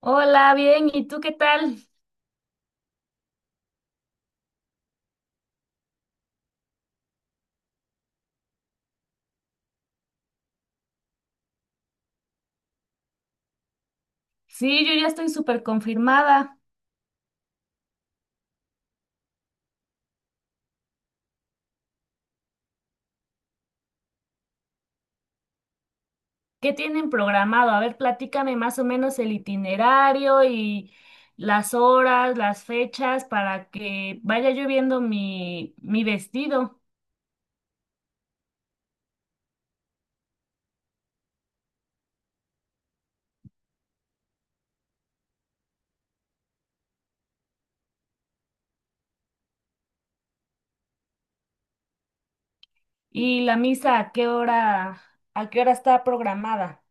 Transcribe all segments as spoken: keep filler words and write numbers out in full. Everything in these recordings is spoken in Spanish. Hola, bien, ¿y tú qué tal? Sí, yo ya estoy súper confirmada. ¿Qué tienen programado? A ver, platícame más o menos el itinerario y las horas, las fechas para que vaya yo viendo mi, mi vestido. Y la misa, ¿a qué hora, a qué hora está programada?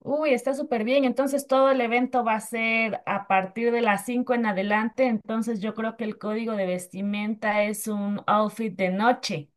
Uy, está súper bien. Entonces todo el evento va a ser a partir de las cinco en adelante. Entonces yo creo que el código de vestimenta es un outfit de noche.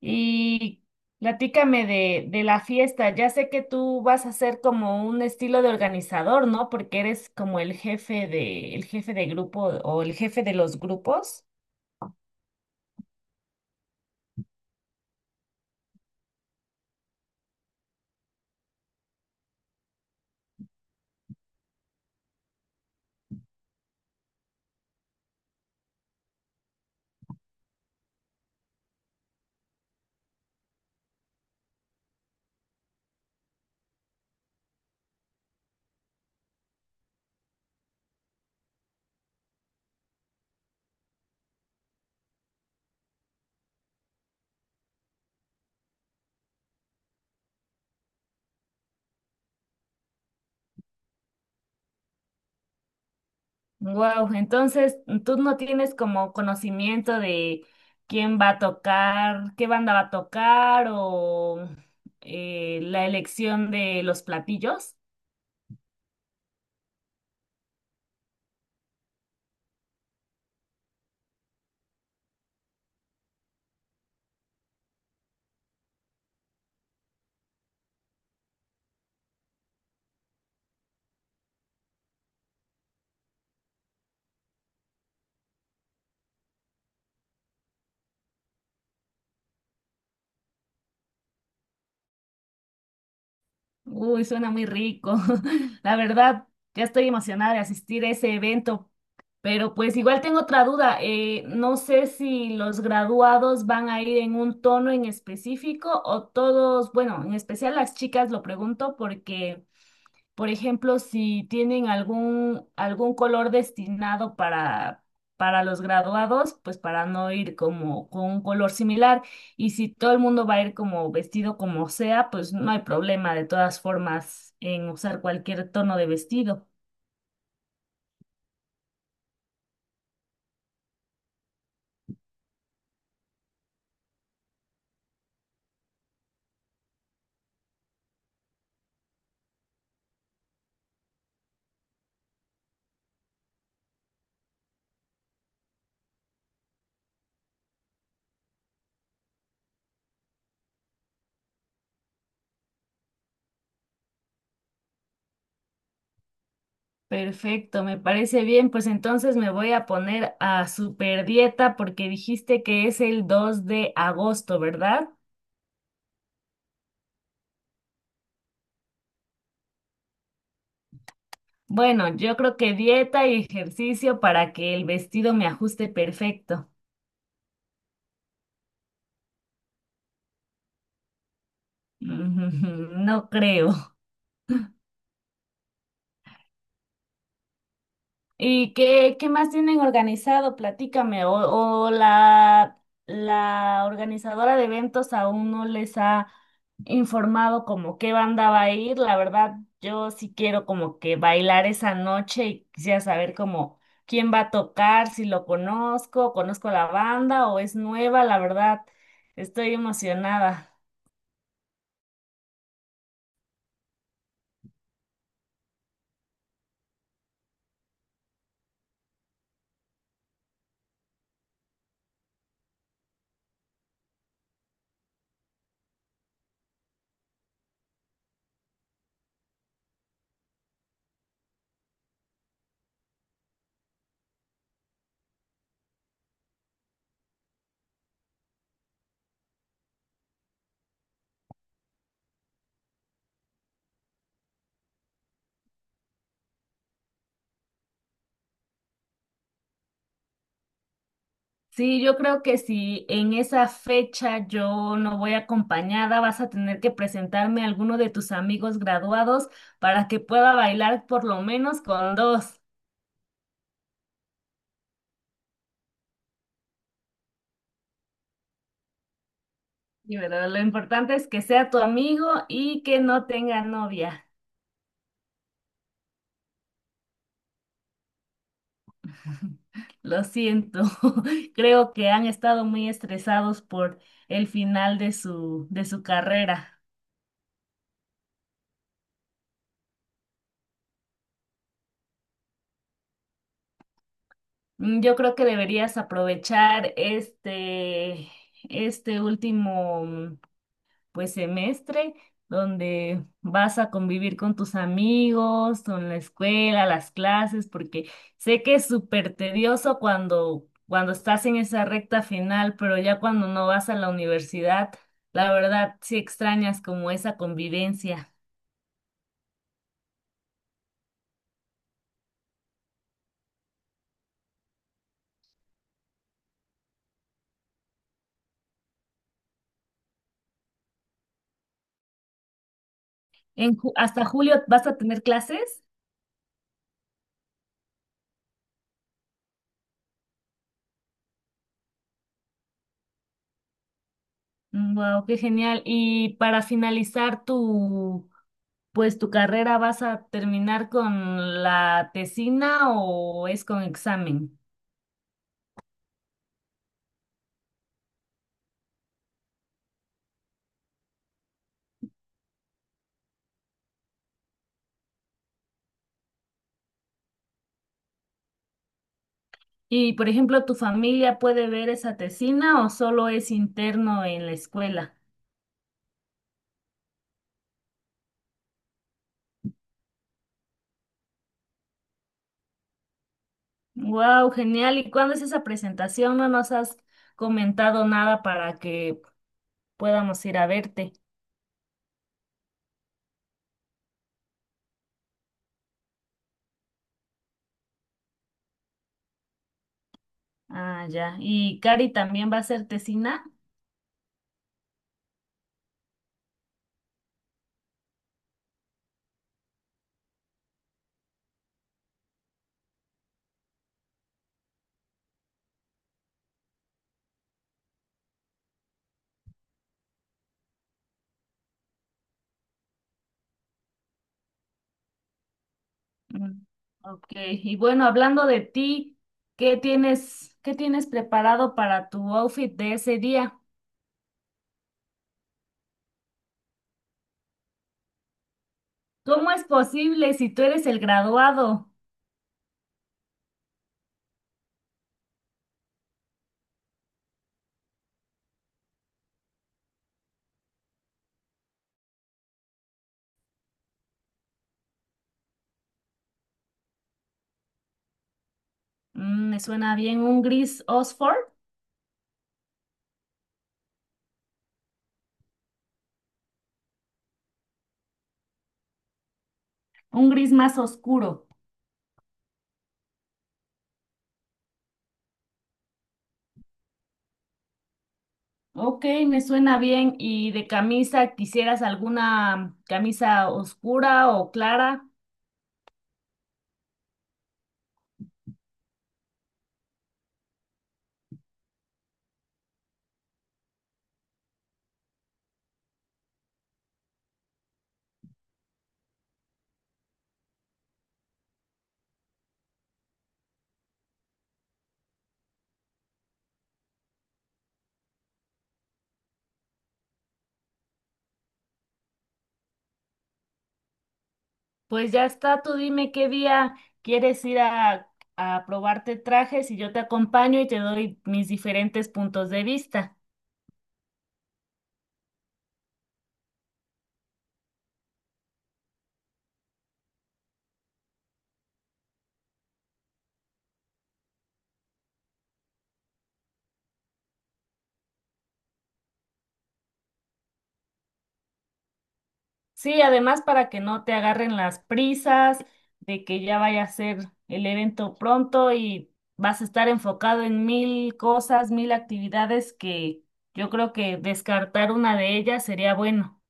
Y platícame de, de la fiesta. Ya sé que tú vas a ser como un estilo de organizador, ¿no? Porque eres como el jefe de, el jefe de grupo o el jefe de los grupos. Wow, entonces tú no tienes como conocimiento de quién va a tocar, qué banda va a tocar o eh, la elección de los platillos. Uy, suena muy rico. La verdad, ya estoy emocionada de asistir a ese evento, pero pues igual tengo otra duda. Eh, no sé si los graduados van a ir en un tono en específico o todos, bueno, en especial las chicas lo pregunto porque... Por ejemplo, si tienen algún, algún color destinado para, para los graduados, pues para no ir como con un color similar. Y si todo el mundo va a ir como vestido como sea, pues no hay problema de todas formas en usar cualquier tono de vestido. Perfecto, me parece bien. Pues entonces me voy a poner a super dieta porque dijiste que es el dos de agosto, ¿verdad? Bueno, yo creo que dieta y ejercicio para que el vestido me ajuste perfecto. Mm, no creo. ¿Y qué, qué más tienen organizado? Platícame. O o la, la organizadora de eventos aún no les ha informado como qué banda va a ir. La verdad, yo sí quiero como que bailar esa noche y quisiera saber como quién va a tocar, si lo conozco, conozco la banda o es nueva. La verdad, estoy emocionada. Sí, yo creo que si en esa fecha yo no voy acompañada, vas a tener que presentarme a alguno de tus amigos graduados para que pueda bailar por lo menos con dos. Y verdad, lo importante es que sea tu amigo y que no tenga novia. Lo siento, creo que han estado muy estresados por el final de su, de su carrera. Mm, yo creo que deberías aprovechar este, este último pues semestre donde vas a convivir con tus amigos, con la escuela, las clases, porque sé que es súper tedioso cuando, cuando estás en esa recta final, pero ya cuando no vas a la universidad, la verdad sí extrañas como esa convivencia. En, ju- ¿hasta julio vas a tener clases? Wow, qué genial. Y para finalizar tu pues tu carrera, ¿vas a terminar con la tesina o es con examen? Y, por ejemplo, ¿tu familia puede ver esa tesina o solo es interno en la escuela? Wow, genial. ¿Y cuándo es esa presentación? No nos has comentado nada para que podamos ir a verte. Ah, ya. ¿Y Cari también va a ser tesina? Mm, ok. Y bueno, hablando de ti, ¿qué tienes, qué tienes preparado para tu outfit de ese día? ¿Cómo es posible si tú eres el graduado? Mm, me suena bien un gris Oxford. Un gris más oscuro. Ok, me suena bien. ¿Y de camisa quisieras alguna camisa oscura o clara? Pues ya está, tú dime qué día quieres ir a, a probarte trajes y yo te acompaño y te doy mis diferentes puntos de vista. Sí, además para que no te agarren las prisas de que ya vaya a ser el evento pronto y vas a estar enfocado en mil cosas, mil actividades que yo creo que descartar una de ellas sería bueno.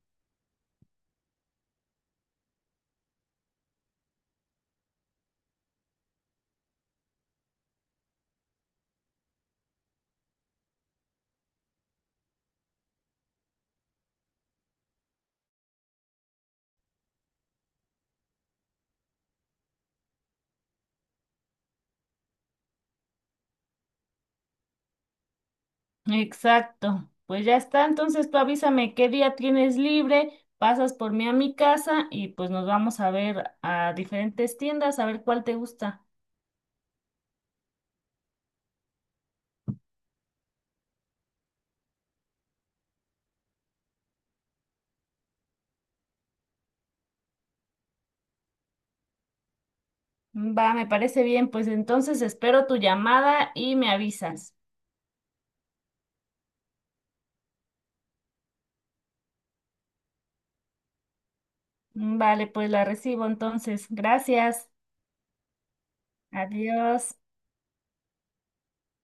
Exacto. Pues ya está, entonces tú avísame qué día tienes libre, pasas por mí a mi casa y pues nos vamos a ver a diferentes tiendas a ver cuál te gusta. Va, me parece bien, pues entonces espero tu llamada y me avisas. Vale, pues la recibo entonces. Gracias. Adiós.